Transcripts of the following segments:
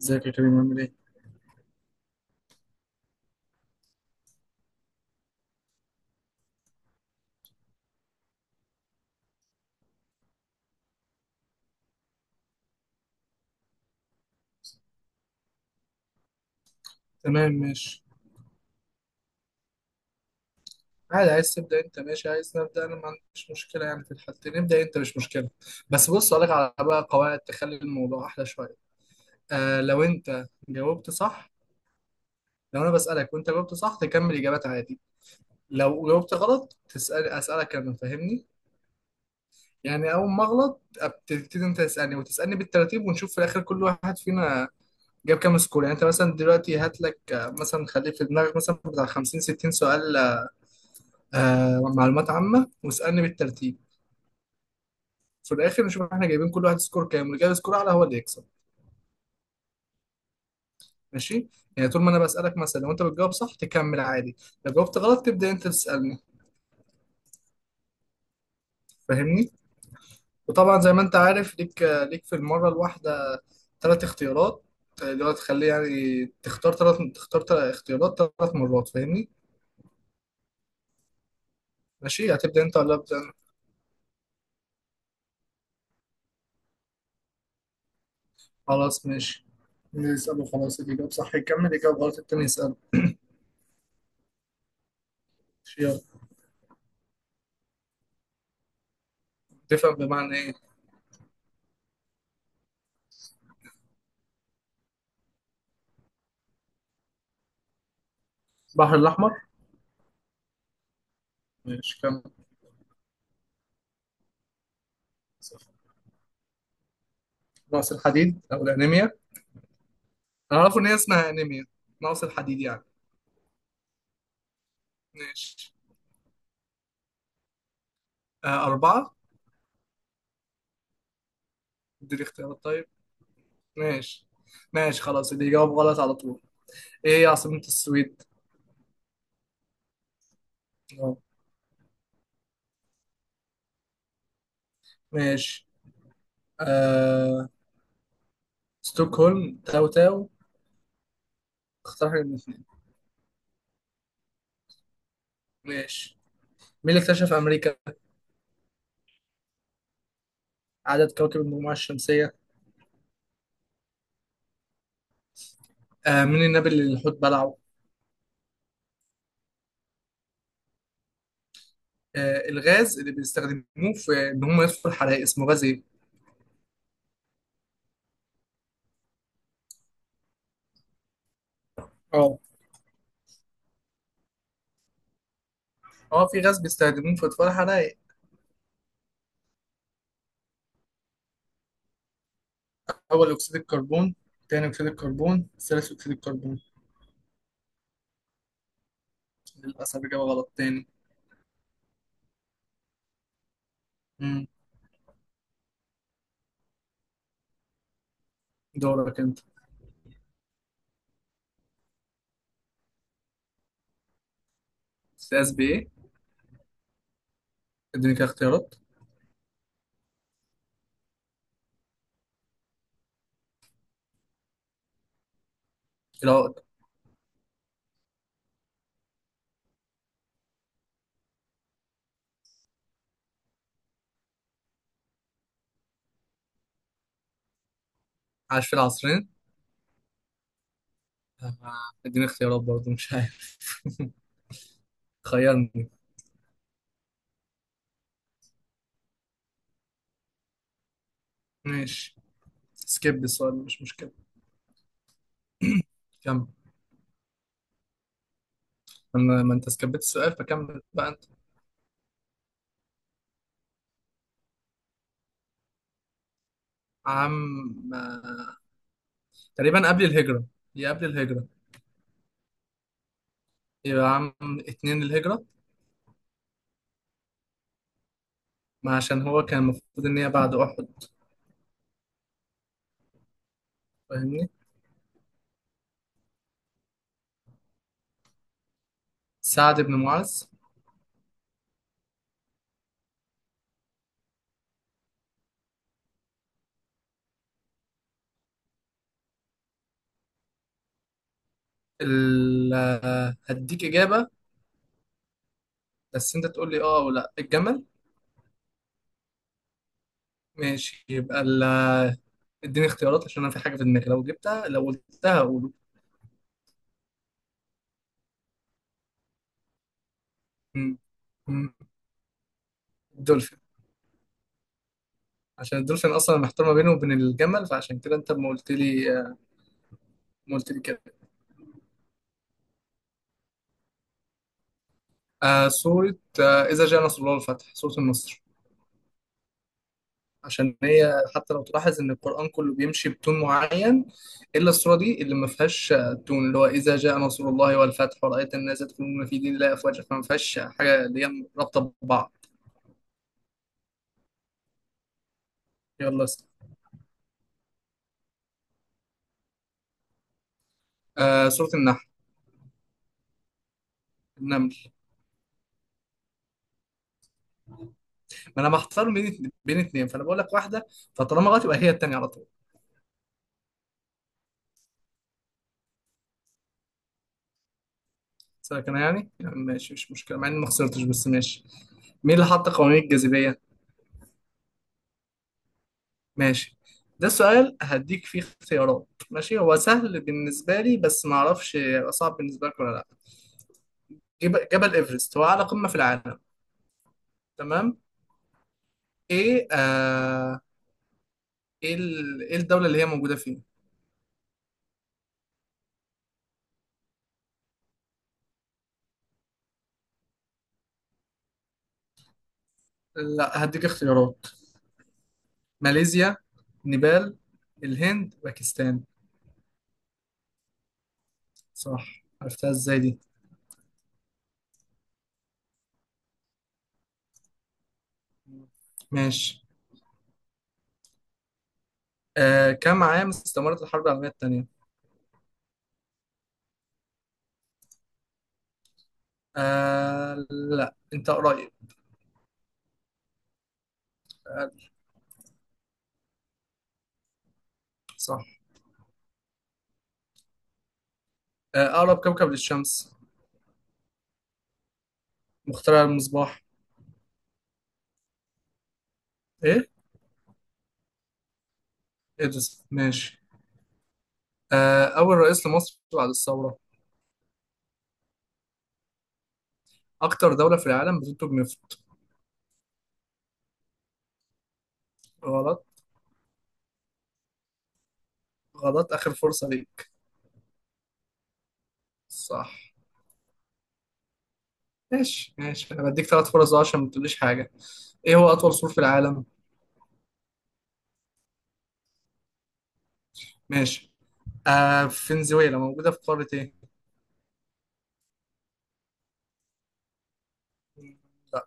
ازيك يا كريم؟ عامل ايه؟ تمام ماشي. عادي، عايز تبدأ انت ماشي، عايز نبدأ انا ما عنديش مشكلة، يعني في الحالتين نبدأ انت مش مشكلة. بس بص اقول لك على بقى قواعد تخلي الموضوع احلى شوية. آه لو انت جاوبت صح، لو انا بسألك وانت جاوبت صح تكمل اجابات عادي، لو جاوبت غلط تسأل اسألك انا، فاهمني؟ يعني اول ما اغلط بتبتدي انت تسألني وتسألني بالترتيب، ونشوف في الاخر كل واحد فينا جاب كام سكور. يعني انت مثلا دلوقتي هات لك مثلا خليه في دماغك مثلا بتاع 50 60 سؤال، آه معلومات عامة واسألني بالترتيب. في الآخر نشوف احنا جايبين كل واحد سكور كام، واللي جايب سكور أعلى هو اللي يكسب. ماشي. يعني طول ما أنا بسألك، مثلا لو أنت بتجاوب صح تكمل عادي، لو جاوبت غلط تبدأ أنت تسألني، فاهمني. وطبعا زي ما أنت عارف ليك في المرة الواحدة ثلاث اختيارات، اللي هو تخليه يعني تختار ثلاث، تختار تلات اختيارات ثلاث مرات، فاهمني. ماشي، هتبدأ أنت ولا أبدأ أنا؟ خلاص ماشي، نسأله خلاص، اللي جاوب صح يكمل، اللي جاوب غلط التاني يسأله. ماشي، يلا. تفهم بمعنى إيه؟ البحر الأحمر. ماشي كمل. نقص الحديد او الانيميا. انا اعرف ان هي اسمها انيميا، نقص الحديد يعني. ماشي. آه اربعه. اديني اختيارات طيب. ماشي ماشي، خلاص اللي يجاوب غلط على طول. ايه هي عاصمة السويد؟ اه. ماشي. آه... ستوكهولم، تاو تاو، اختار حاجة من الاثنين. ماشي. مين اللي اكتشف امريكا؟ عدد كواكب المجموعة الشمسية. مين النبي اللي الحوت بلعه؟ الغاز اللي بيستخدموه في ان هم يطفوا الحرائق اسمه غاز ايه؟ اه. اه في غاز بيستخدموه في اطفاء الحرائق. أول أكسيد الكربون، تاني أكسيد الكربون، ثالث أكسيد الكربون. للأسف إجابة غلط تاني. مم. دورك أنت. استاذ بإيه؟ اديني كده اختيارات. العقد. عاش في العصرين. آه، اديني اختيارات برضه مش عارف. خيرني. ماشي، سكيب السؤال مش مشكلة. كمل. ما انت سكبت السؤال فكمل بقى انت. عام، آه، تقريبا قبل الهجرة، هي قبل الهجرة. يبقى عام اتنين الهجرة. ما عشان هو كان المفروض ان هي بعد احد، فاهمني. سعد بن معاذ. ال... هديك إجابة، بس أنت تقول لي آه أو لأ. الجمل. ماشي، يبقى اديني اختيارات عشان أنا في حاجة في دماغي لو جبتها، لو قلتها أقول. م- م- الدولفين. عشان الدولفين أصلا محتار ما بينه وبين الجمل، فعشان كده أنت ما قلت لي، كده. آه سورة، آه إذا جاء نصر الله والفتح، سورة النصر. عشان هي حتى لو تلاحظ ان القرآن كله بيمشي بتون معين، الا السورة دي اللي ما فيهاش تون، اللي هو اذا جاء نصر الله والفتح ورأيت الناس يدخلون في دين الله افواجا، فما فيهاش حاجة اللي هي رابطة ببعض. يلا اسأل. آه سورة النحل. النمل. ما انا محتار بين اتنين فانا بقول لك واحدة، فطالما غلط يبقى هي التانية على طول. سلك انا يعني، يعني ماشي مش مشكلة مع اني ما خسرتش، بس ماشي. مين اللي حط قوانين الجاذبية؟ ماشي. ده سؤال هديك فيه اختيارات، ماشي هو سهل بالنسبة لي بس ما اعرفش هيبقى صعب بالنسبة لك ولا لا. جبل ايفرست هو اعلى قمة في العالم. تمام. ايه آه ايه ايه الدولة اللي هي موجودة فيه؟ لا هديك اختيارات. ماليزيا، نيبال، الهند، باكستان. صح، عرفتها ازاي دي؟ ماشي. آه كم عام استمرت الحرب العالمية التانية؟ آه لا انت قريب. آه. صح. آه اقرب كوكب للشمس. مخترع المصباح. ايه. إدرس ماشي. آه، أول رئيس لمصر بعد الثورة. أكتر دولة في العالم بتنتج نفط. غلط. غلط آخر فرصة ليك. صح. ماشي ماشي، أنا بديك ثلاث فرص أهو عشان ما تقوليش حاجة. إيه هو أطول سور في العالم؟ ماشي. آه فنزويلا موجودة في قارة إيه؟ لا.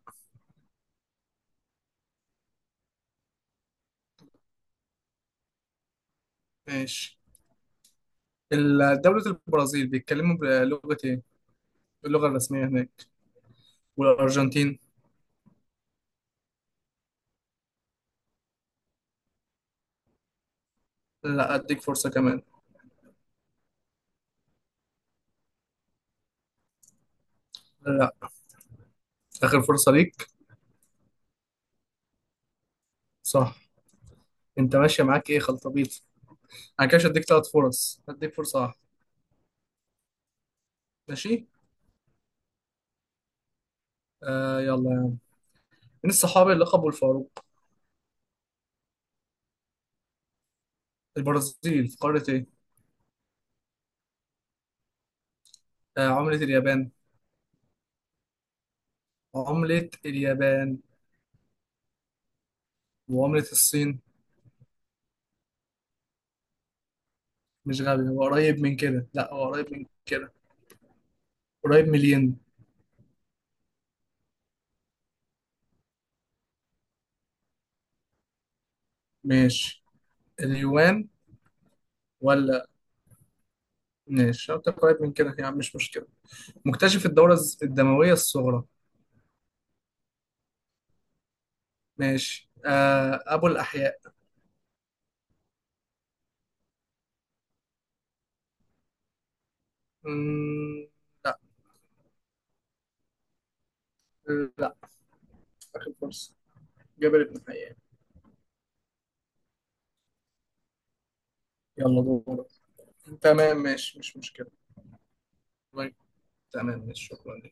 ماشي. دولة البرازيل بيتكلموا بلغة إيه؟ اللغة الرسمية هناك، والأرجنتين. لا أديك فرصة كمان. لا. آخر فرصة ليك. صح. أنت ماشية معاك إيه خلطبيط؟ انا كده هديك ثلاث فرص، هديك فرصة واحدة. ماشي. آه يلا يعني، مين الصحابي اللي لقبوا الفاروق؟ البرازيل في قارة ايه؟ آه عملة اليابان. عملة اليابان. وعملة الصين. مش غبي، هو قريب من كده، لا هو قريب من كده، قريب من الين. ماشي. اليوان. ولا. ماشي، لو أنت قريب من كده يعني مش مشكلة. مكتشف الدورة الدموية الصغرى. ماشي. آه أبو الأحياء. مم، لا. لا. آخر فرصة. جابر بن حيان. يلا دور. تمام ماشي مش مشكلة. طيب، تمام ماشي شكرا.